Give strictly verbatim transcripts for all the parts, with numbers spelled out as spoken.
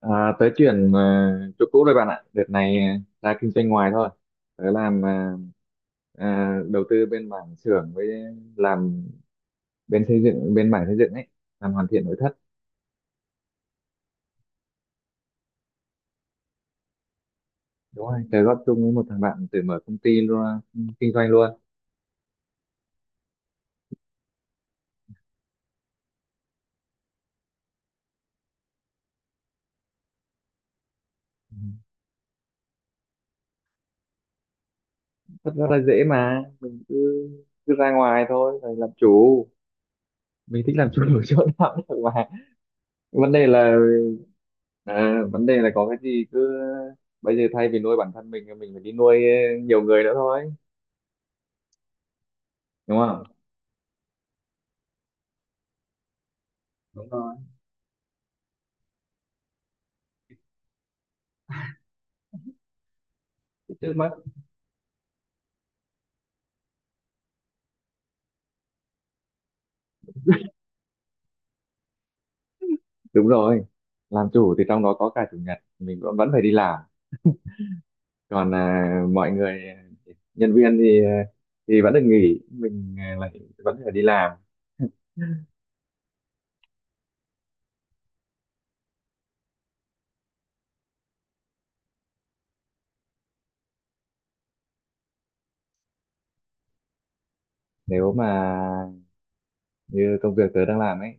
À, tớ chuyển à, chỗ cũ rồi bạn ạ. Đợt này à, ra kinh doanh ngoài thôi. Tớ làm à, à, đầu tư bên mảng xưởng với làm bên xây dựng, bên mảng xây dựng ấy, làm hoàn thiện nội thất. Đúng rồi, tớ góp chung với một thằng bạn tự mở công ty luôn, kinh doanh luôn. Ừ. Thật ra là dễ mà, mình cứ cứ ra ngoài thôi, rồi làm chủ. Mình thích làm chủ ở chỗ nào cũng được mà. Vấn đề là. À, vấn đề là có cái gì cứ bây giờ thay vì nuôi bản thân mình thì mình phải đi nuôi ờ, nhiều người nữa thôi, đúng không? Đúng rồi. Cái trước mắt. Đúng rồi, làm chủ thì trong đó có cả chủ nhật mình vẫn vẫn phải đi làm, còn à, mọi người, à, nhân viên thì à, thì vẫn được nghỉ, mình à, lại vẫn phải đi làm. Nếu mà như công việc tớ đang làm ấy,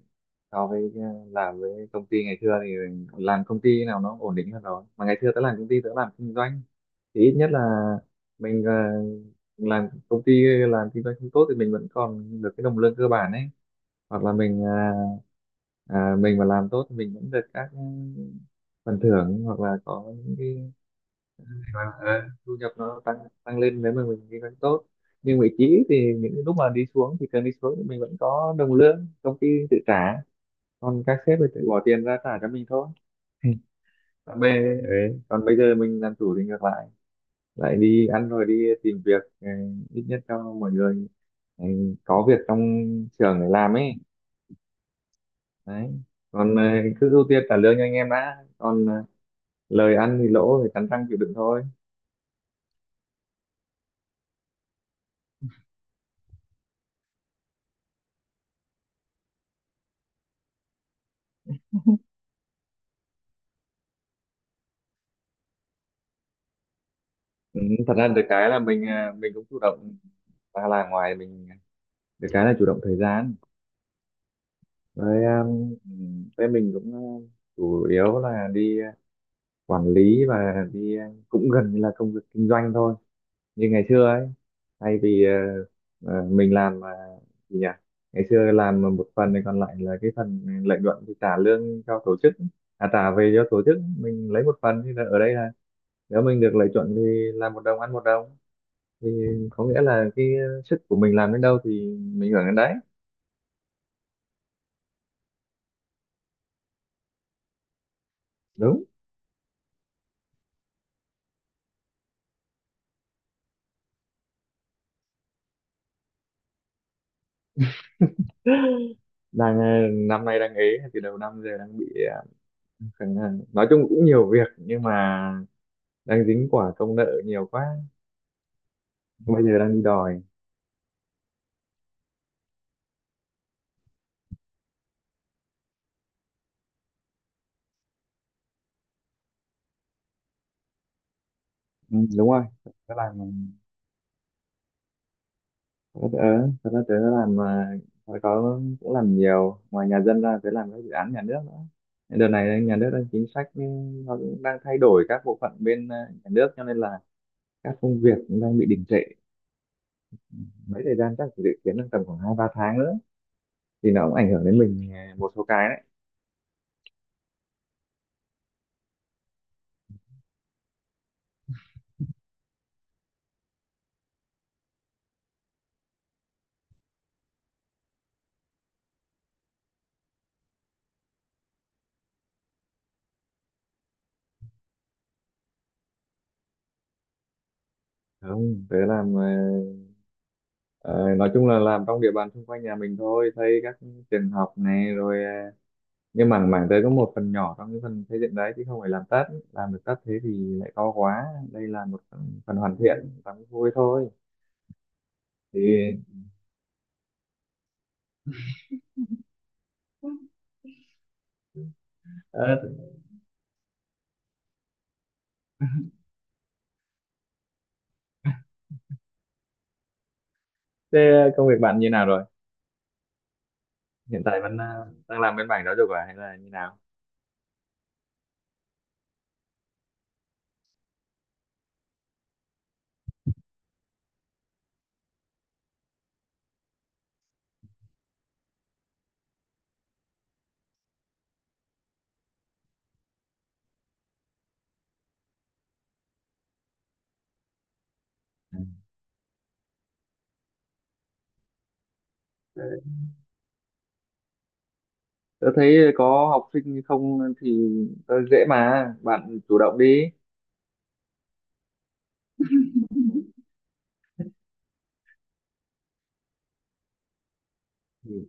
so với à, làm với công ty ngày xưa, thì làm công ty nào nó ổn định hơn rồi. Mà ngày xưa tớ làm công ty tớ làm kinh doanh, thì ít nhất là mình, à, làm công ty làm kinh doanh không tốt thì mình vẫn còn được cái đồng lương cơ bản ấy, hoặc là mình à, à, mình mà làm tốt thì mình vẫn được các ừ, phần thưởng, hoặc là có những cái, ờ, thu nhập nó tăng tăng lên nếu mà mình kinh doanh tốt. Nhưng vị trí thì những lúc mà đi xuống thì cần đi xuống thì mình vẫn có đồng lương công ty tự trả, còn các sếp thì tự bỏ tiền ra trả cho mình thôi. còn bây, ấy, Còn bây giờ mình làm chủ thì ngược lại, lại đi ăn rồi đi tìm việc, ừ, ít nhất cho mọi người, ừ, có việc trong trường để làm ấy. Đấy, còn ờ, cứ ưu tiên trả lương cho anh em đã, còn ờ, lời ăn thì lỗ thì cắn răng chịu đựng thôi. Ừ, thật ra được cái là mình ờ, mình cũng chủ động ra là ngoài, mình ờ, được cái là chủ động thời gian, với um, ừ, với mình cũng ờ, chủ yếu là đi ờ, quản lý, và đi ờ, cũng gần như là công việc kinh doanh thôi như ngày xưa ấy. Thay vì ờ, ờ, mình làm mà, gì nhỉ, ngày xưa làm mà một phần thì còn lại là cái phần lợi nhuận thì trả lương cho tổ chức, à, trả về cho tổ chức mình lấy một phần, thì là ở đây là nếu mình được lợi nhuận thì làm một đồng ăn một đồng, thì có nghĩa là cái sức của mình làm đến đâu thì mình hưởng đến đấy. Đúng. Đang ờ, năm nay đang ế, từ đầu năm giờ đang bị ờ, khẳng- ờ, nói chung cũng nhiều việc nhưng mà đang dính quả công nợ nhiều quá, bây giờ đang đi đòi. Ừ, đúng rồi. Cái là, ok, thật ra tớ, ờ, tớ, tớ làm à, hồi có cũng làm nhiều, ngoài nhà dân ra tớ làm các dự án nhà nước nữa. Đợt này nhà nước đang chính sách ừ, nó cũng đang thay đổi các bộ phận bên à, nhà nước, cho nên là các công việc cũng đang bị đình trệ mấy thời gian, chắc dự kiến trong tầm khoảng hai ba tháng nữa thì nó cũng ảnh hưởng đến mình à, một số cái đấy. Không, tớ làm à, ờ, nói chung là làm trong địa bàn xung quanh nhà mình thôi, xây các trường học này rồi ờ, nhưng mà mảng đấy có một phần nhỏ trong cái phần xây dựng đấy chứ không phải làm tất. Làm được tất thế thì lại to quá. Đây là một phần, phần hoàn thiện tắm vui thôi. Thì, thế công việc bạn như nào rồi, hiện tại vẫn à, đang làm bên mảng giáo dục à hay là như nào? Ừ. Đấy, tớ thấy có học sinh không thì tớ dễ mà, bạn chủ động đi. Ừ.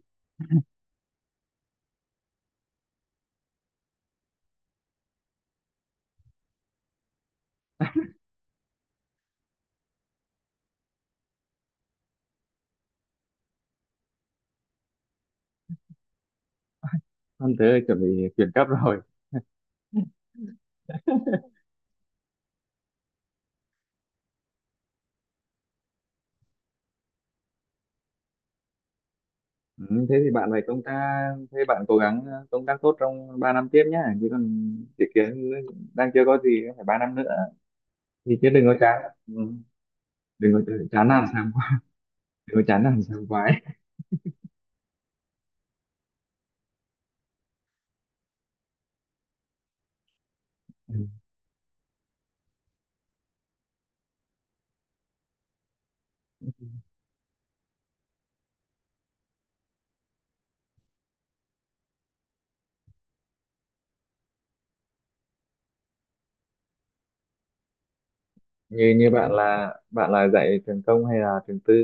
Không, thế là chuẩn bị chuyển cấp rồi. Ừ, thế thì bạn phải công tác, thế bạn cố gắng à, công tác tốt trong ba năm tiếp nhá, chứ còn dự kiến đang chưa có gì, phải ba năm nữa thì, chứ đừng có chán. Ừ. Đừng có chán nản sảng khoái. Đừng có chán nản sảng khoái. Ừ. Như như bạn là, bạn là dạy trường công hay là trường tư?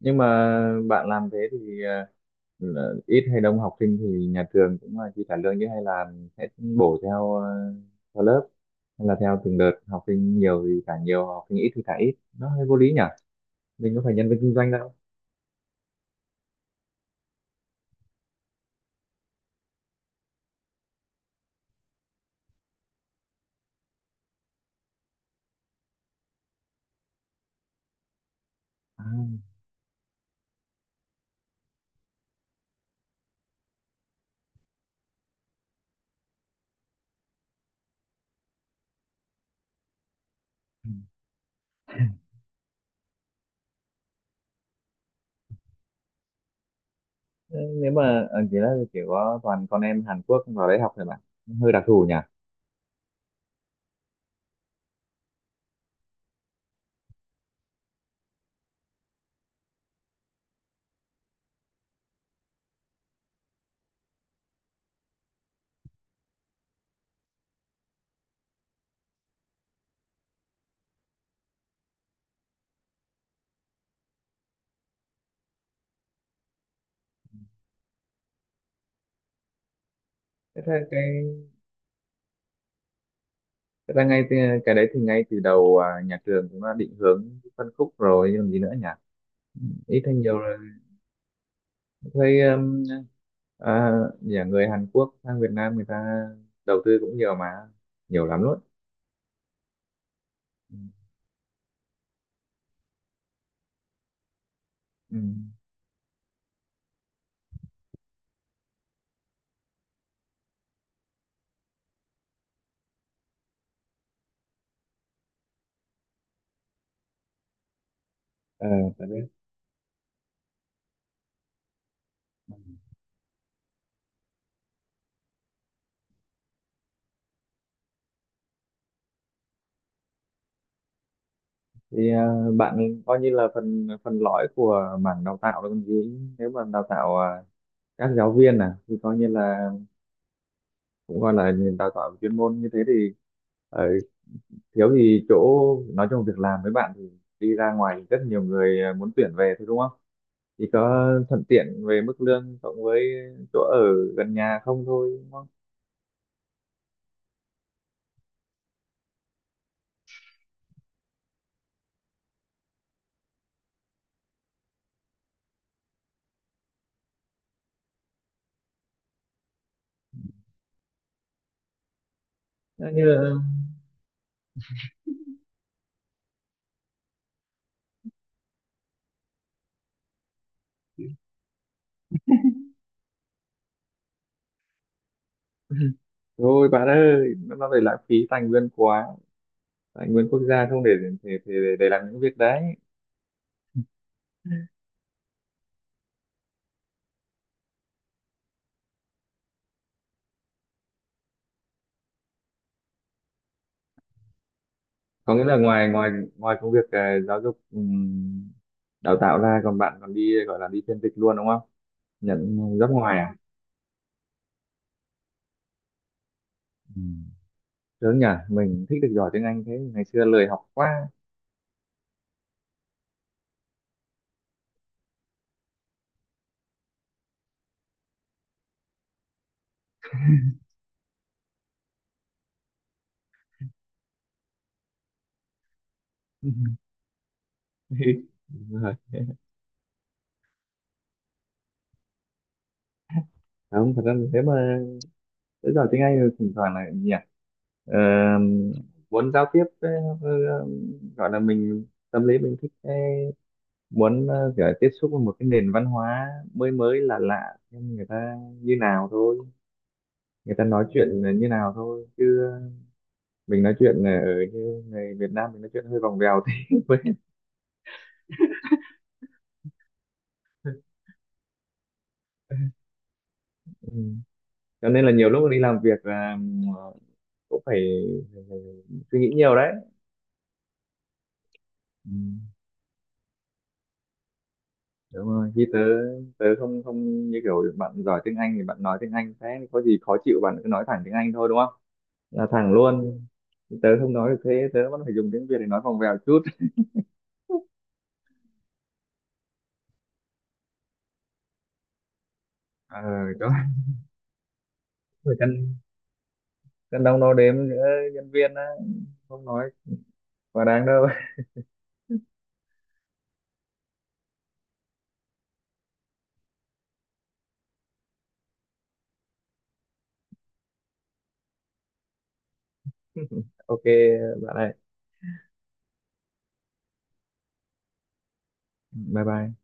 Nhưng mà bạn làm thế thì ờ, là ít hay đông học sinh thì nhà trường cũng là chi trả lương, chứ hay là sẽ bổ theo ờ, theo lớp, hay là theo từng đợt, học sinh nhiều thì trả nhiều, học sinh ít thì trả ít, nó hơi vô lý nhỉ, mình có phải nhân viên kinh doanh đâu. À. Ừ. Thế nếu mà ờ, chỉ là chỉ có toàn con em Hàn Quốc vào đấy học thôi bạn, hơi đặc thù nhỉ. Thế thế cái, thật ra ngay từ- cái đấy thì ngay từ đầu à, nhà trường cũng đã định hướng phân khúc rồi chứ, làm gì nữa nhỉ, ít hay nhiều rồi. Thấy um, à, nhà người Hàn Quốc sang Việt Nam người ta đầu tư cũng nhiều mà, nhiều lắm luôn. Ừ. Ừ. Ờ, phải đấy. Thì à, bạn coi như là phần phần lõi của mảng đào tạo đó còn gì, nếu mà đào tạo à, các giáo viên à, thì coi như là cũng gọi là đào tạo chuyên môn như thế thì ờ, thiếu thì chỗ, nói chung việc làm với bạn thì đi ra ngoài thì rất nhiều người à, muốn tuyển về thôi, đúng không? Chỉ có thuận tiện về mức lương cộng với chỗ ở gần nhà không thôi, đúng không? Thế như là... Thôi bạn ơi, nó nó lại lãng phí tài nguyên quá, tài nguyên quốc gia không để để để, để làm những việc đấy. Có nghĩa là ngoài ngoài ngoài công việc à, giáo dục ừm, đào tạo ra, còn bạn còn đi gọi là đi phiên dịch luôn, đúng không? Nhận job ngoài à? Ừ. Sướng nhỉ, mình thích được giỏi tiếng Anh thế, ngày xưa lười học quá. Đúng rồi. Không, thật ra là thế mà, tới giờ tiếng Anh rồi thỉnh thoảng là nhỉ, ờ, muốn giao tiếp ờ, ờ, gọi là mình, tâm lý mình thích cái muốn ờ, kiểu tiếp xúc với một cái nền văn hóa mới mới lạ lạ, xem người ta như nào thôi. Người ta nói chuyện là như nào thôi, chứ mình nói chuyện là ở như người Việt Nam mình nói chuyện hơi vòng vèo thế Với- ừ. Cho nên là nhiều lúc đi làm việc là ờ, cũng phải, phải suy nghĩ nhiều đấy. Ừ. Đúng rồi, khi tớ, tớ không không như kiểu bạn giỏi tiếng Anh thì bạn nói tiếng Anh, thế có gì khó chịu bạn cứ nói thẳng tiếng Anh thôi, đúng không, là thẳng luôn. Tớ không nói được thế, tớ vẫn phải dùng tiếng Việt để nói vòng vèo chút. ờ đó, phải cân, cân đong đo đếm nữa, nhân viên á, không nói quá đáng đâu. Ok bạn ơi, bye bye.